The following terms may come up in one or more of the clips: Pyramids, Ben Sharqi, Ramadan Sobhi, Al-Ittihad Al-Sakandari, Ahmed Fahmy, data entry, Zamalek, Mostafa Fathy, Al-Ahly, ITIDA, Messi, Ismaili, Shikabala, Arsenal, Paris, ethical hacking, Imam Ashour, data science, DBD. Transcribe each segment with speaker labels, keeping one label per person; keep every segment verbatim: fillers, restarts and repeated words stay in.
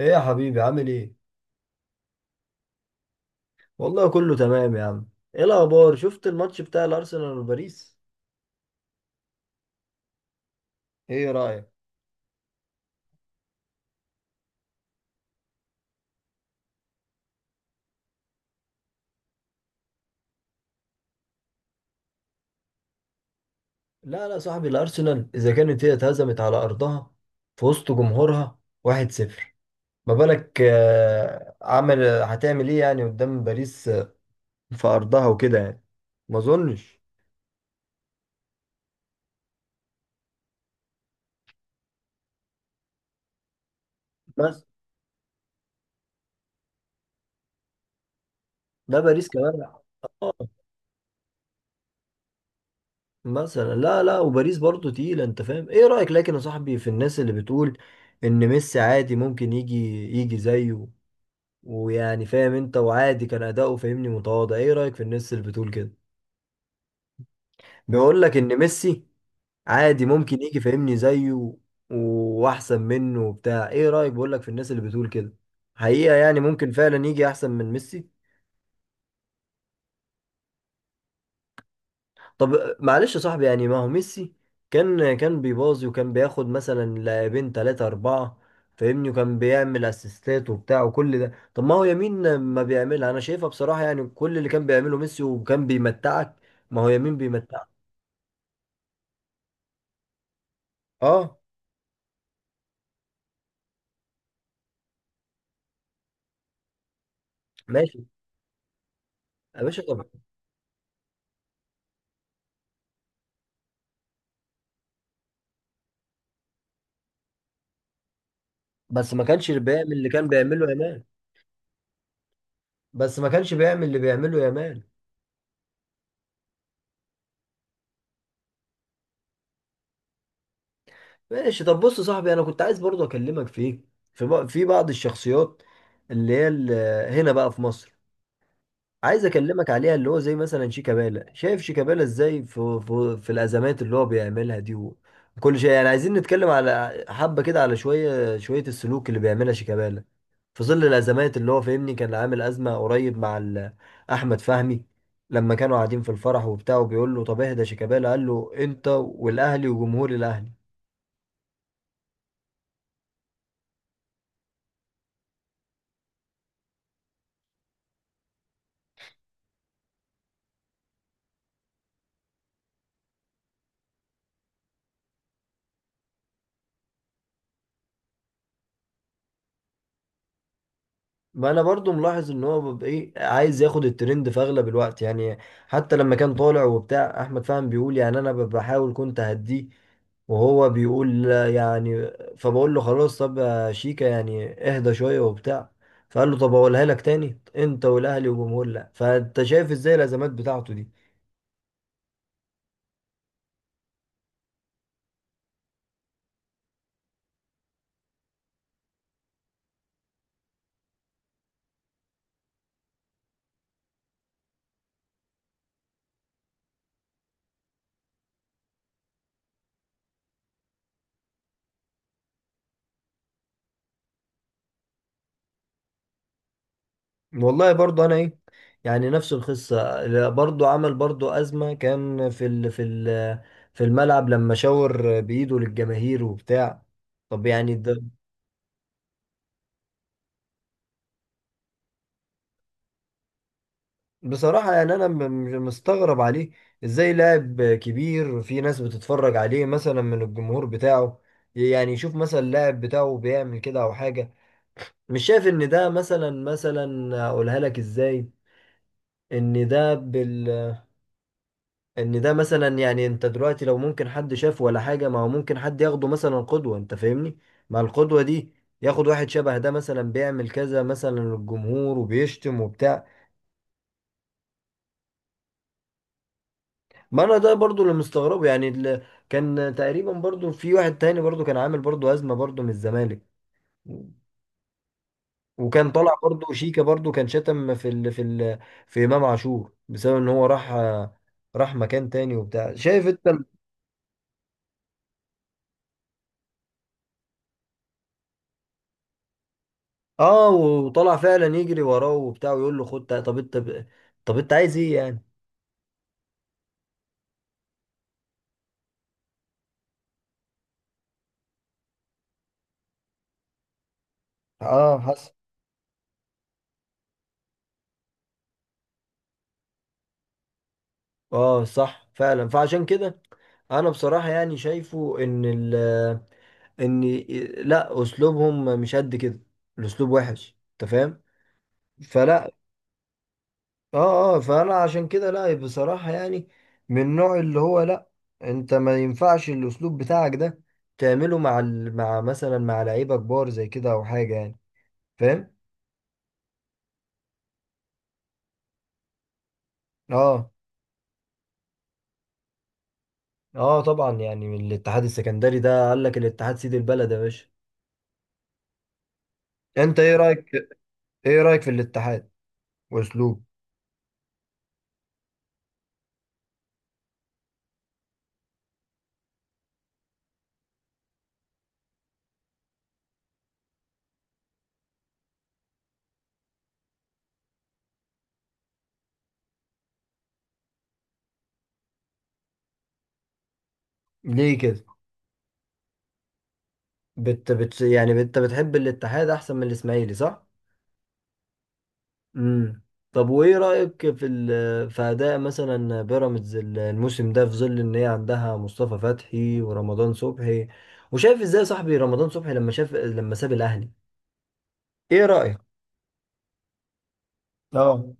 Speaker 1: ايه يا حبيبي عامل ايه؟ والله كله تمام يا عم. ايه الاخبار؟ شفت الماتش بتاع الارسنال وباريس؟ ايه رأيك؟ لا لا صاحبي، الارسنال اذا كانت هي اتهزمت على ارضها في وسط جمهورها واحد صفر، ما بالك آه، عمل هتعمل ايه يعني قدام باريس آه، في ارضها وكده يعني. ما اظنش. بس ده باريس كمان آه، مثلا لا لا، وباريس برضو تقيلة انت فاهم. ايه رأيك؟ لكن يا صاحبي في الناس اللي بتقول ان ميسي عادي ممكن يجي يجي زيه، ويعني فاهم انت، وعادي كان اداؤه فاهمني متواضع. ايه رايك في الناس اللي بتقول كده؟ بيقول لك ان ميسي عادي ممكن يجي فاهمني زيه و- واحسن منه وبتاع. ايه رايك؟ بقول لك في الناس اللي بتقول كده، حقيقة يعني ممكن فعلا يجي احسن من ميسي. طب معلش يا صاحبي، يعني ما هو ميسي كان كان بيباظي وكان بياخد مثلا لاعبين ثلاثة أربعة فاهمني، وكان بيعمل اسيستات وبتاع وكل ده. طب ما هو يمين ما بيعملها؟ أنا شايفها بصراحة، يعني كل اللي كان بيعمله ميسي وكان بيمتعك ما هو يمين بيمتعك. اه ماشي يا باشا. طب بس ما كانش بيعمل اللي كان بيعمله يامال. بس ما كانش بيعمل اللي بيعمله يامال. ماشي. طب بص يا صاحبي، أنا كنت عايز برضه أكلمك فيه، في إيه؟ في بق- في بعض الشخصيات اللي هي ال- هنا بقى في مصر، عايز اكلمك عليها، اللي هو زي مثلا شيكابالا. شايف شيكابالا ازاي في, في, في الازمات اللي هو بيعملها دي وكل شيء؟ يعني عايزين نتكلم على حبة كده، على شوية شوية السلوك اللي بيعملها شيكابالا في ظل الازمات اللي هو فاهمني. كان عامل ازمة قريب مع ال- احمد فهمي لما كانوا قاعدين في الفرح وبتاع، وبيقول له طب اهدى شيكابالا، قال له انت والاهلي وجمهور الاهلي. ما انا برضو ملاحظ ان هو بيبقى ايه، عايز ياخد الترند في اغلب الوقت يعني. حتى لما كان طالع وبتاع، احمد فهمي بيقول يعني انا ب- بحاول كنت اهديه، وهو بيقول لا يعني، فبقول له خلاص طب يا شيكا يعني اهدى شوية وبتاع. فقال له طب اقولها لك تاني، انت والاهلي والجمهور لا. فانت شايف ازاي الازمات بتاعته دي. والله برضو انا ايه، يعني نفس القصه. لا، برضو عمل برضو ازمه كان في ال في ال في الملعب لما شاور بايده للجماهير وبتاع. طب يعني ده بصراحه يعني انا م- م- مستغرب عليه. ازاي لاعب كبير في ناس بتتفرج عليه مثلا من الجمهور بتاعه، يعني يشوف مثلا اللاعب بتاعه بيعمل كده او حاجه؟ مش شايف ان ده مثلا، مثلا اقولها لك ازاي؟ ان ده ان ده مثلا، يعني انت دلوقتي لو ممكن حد شافه ولا حاجة، ما هو ممكن حد ياخده مثلا قدوة انت فاهمني. مع القدوة دي ياخد واحد شبه ده مثلا بيعمل كذا مثلا للجمهور وبيشتم وبتاع. ما انا ده برضو اللي مستغربه، يعني اللي كان تقريبا برضو في واحد تاني برضو كان عامل برضو أزمة برضو من الزمالك، وكان طالع برضو شيكا برضو كان شتم في ال في ال في إمام عاشور بسبب ان هو راح راح مكان تاني وبتاع. شايف انت؟ اه وطلع فعلا يجري وراه وبتاع ويقول له خد تا- طب انت ب... طب انت عايز ايه يعني؟ اه حصل. اه صح فعلا. فعشان كده انا بصراحة يعني شايفه ان ال ان لا اسلوبهم مش قد كده. الاسلوب وحش انت فاهم. فلا. اه اه فانا عشان كده لا بصراحة يعني، من النوع اللي هو لا، انت ما ينفعش الاسلوب بتاعك ده تعمله مع ال... مع مثلا مع لعيبة كبار زي كده او حاجة يعني. فاهم. اه اه طبعا يعني من الاتحاد السكندري. ده قال لك الاتحاد سيد البلد يا باشا. انت ايه رايك؟ ايه رايك في الاتحاد واسلوب؟ ليه كده؟ بت بت يعني انت بتحب الاتحاد احسن من الاسماعيلي صح؟ امم. طب وايه رايك في ال... في اداء مثلا بيراميدز ال- الموسم ده، في ظل ان هي عندها مصطفى فتحي ورمضان صبحي؟ وشايف ازاي يا صاحبي رمضان صبحي، لما شاف لما ساب الاهلي؟ ايه رايك؟ اه.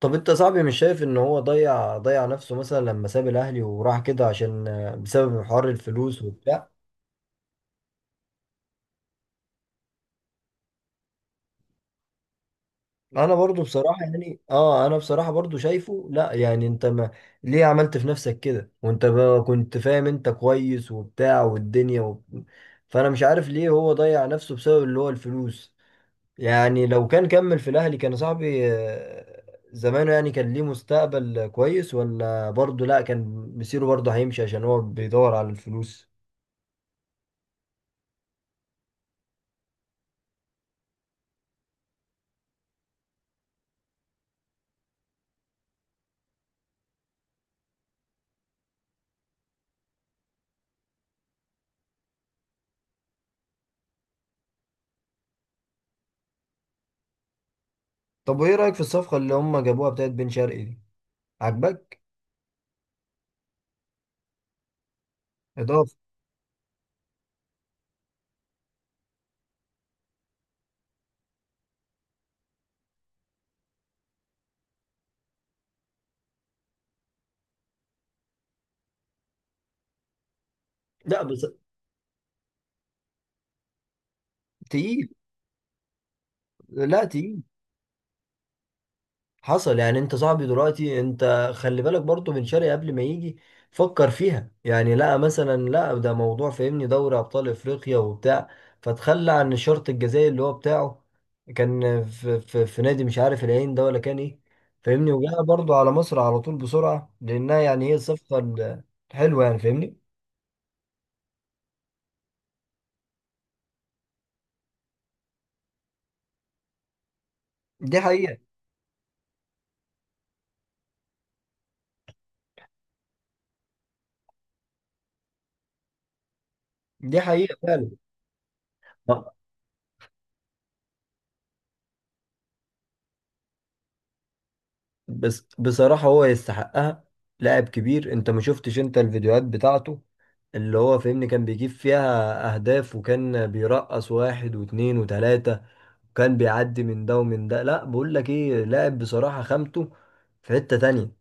Speaker 1: طب انت صاحبي مش شايف ان هو ضيع ضيع نفسه مثلا لما ساب الاهلي وراح كده عشان آه، بسبب حوار الفلوس وبتاع؟ انا برضو بصراحة يعني اه، انا بصراحة برضو شايفه لا، يعني انت ما ليه عملت في نفسك كده، وانت بقى كنت فاهم انت كويس وبتاع والدنيا و... فانا مش عارف ليه هو ضيع نفسه بسبب اللي هو الفلوس. يعني لو كان كمل في الاهلي كان صاحبي آه، زمانه، يعني كان ليه مستقبل كويس، ولا برضو لا كان مسيره برضو هيمشي عشان هو بيدور على الفلوس؟ طب وايه رأيك في الصفقة اللي هم جابوها بتاعت بن شرقي دي؟ عجبك؟ اضافة. لا بس تقيل. لا تقيل. حصل. يعني انت صاحبي دلوقتي، انت خلي بالك برضو بن شرقي قبل ما يجي فكر فيها، يعني لا مثلا لا، ده موضوع فاهمني دوري ابطال افريقيا وبتاع، فتخلى عن الشرط الجزائي اللي هو بتاعه. كان في, في, في نادي مش عارف العين ده ولا كان ايه فاهمني، وجاء برضو على مصر على طول بسرعة لانها يعني هي الصفقة الحلوة يعني فاهمني. دي حقيقة. دي حقيقة فعلا. بس بصراحة هو يستحقها. لاعب كبير، انت ما شفتش انت الفيديوهات بتاعته اللي هو فاهمني؟ كان بيجيب فيها اهداف، وكان بيرقص واحد واتنين وتلاتة، وكان بيعدي من ده ومن ده. لا بقول لك ايه، لاعب بصراحة خامته في حتة تانية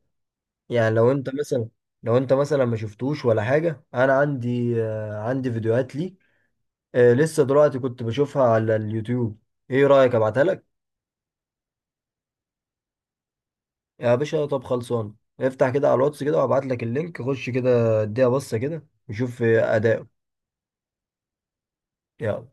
Speaker 1: يعني. لو انت مثلا، لو انت مثلا ما شفتوش ولا حاجة. انا عندي آه، عندي فيديوهات ليه آه، لسه دلوقتي كنت بشوفها على اليوتيوب. ايه رأيك ابعتها لك؟ يا باشا طب خلصان. افتح كده على الواتس كده وابعت لك اللينك، خش كده اديها بصة كده وشوف اداؤه. يلا.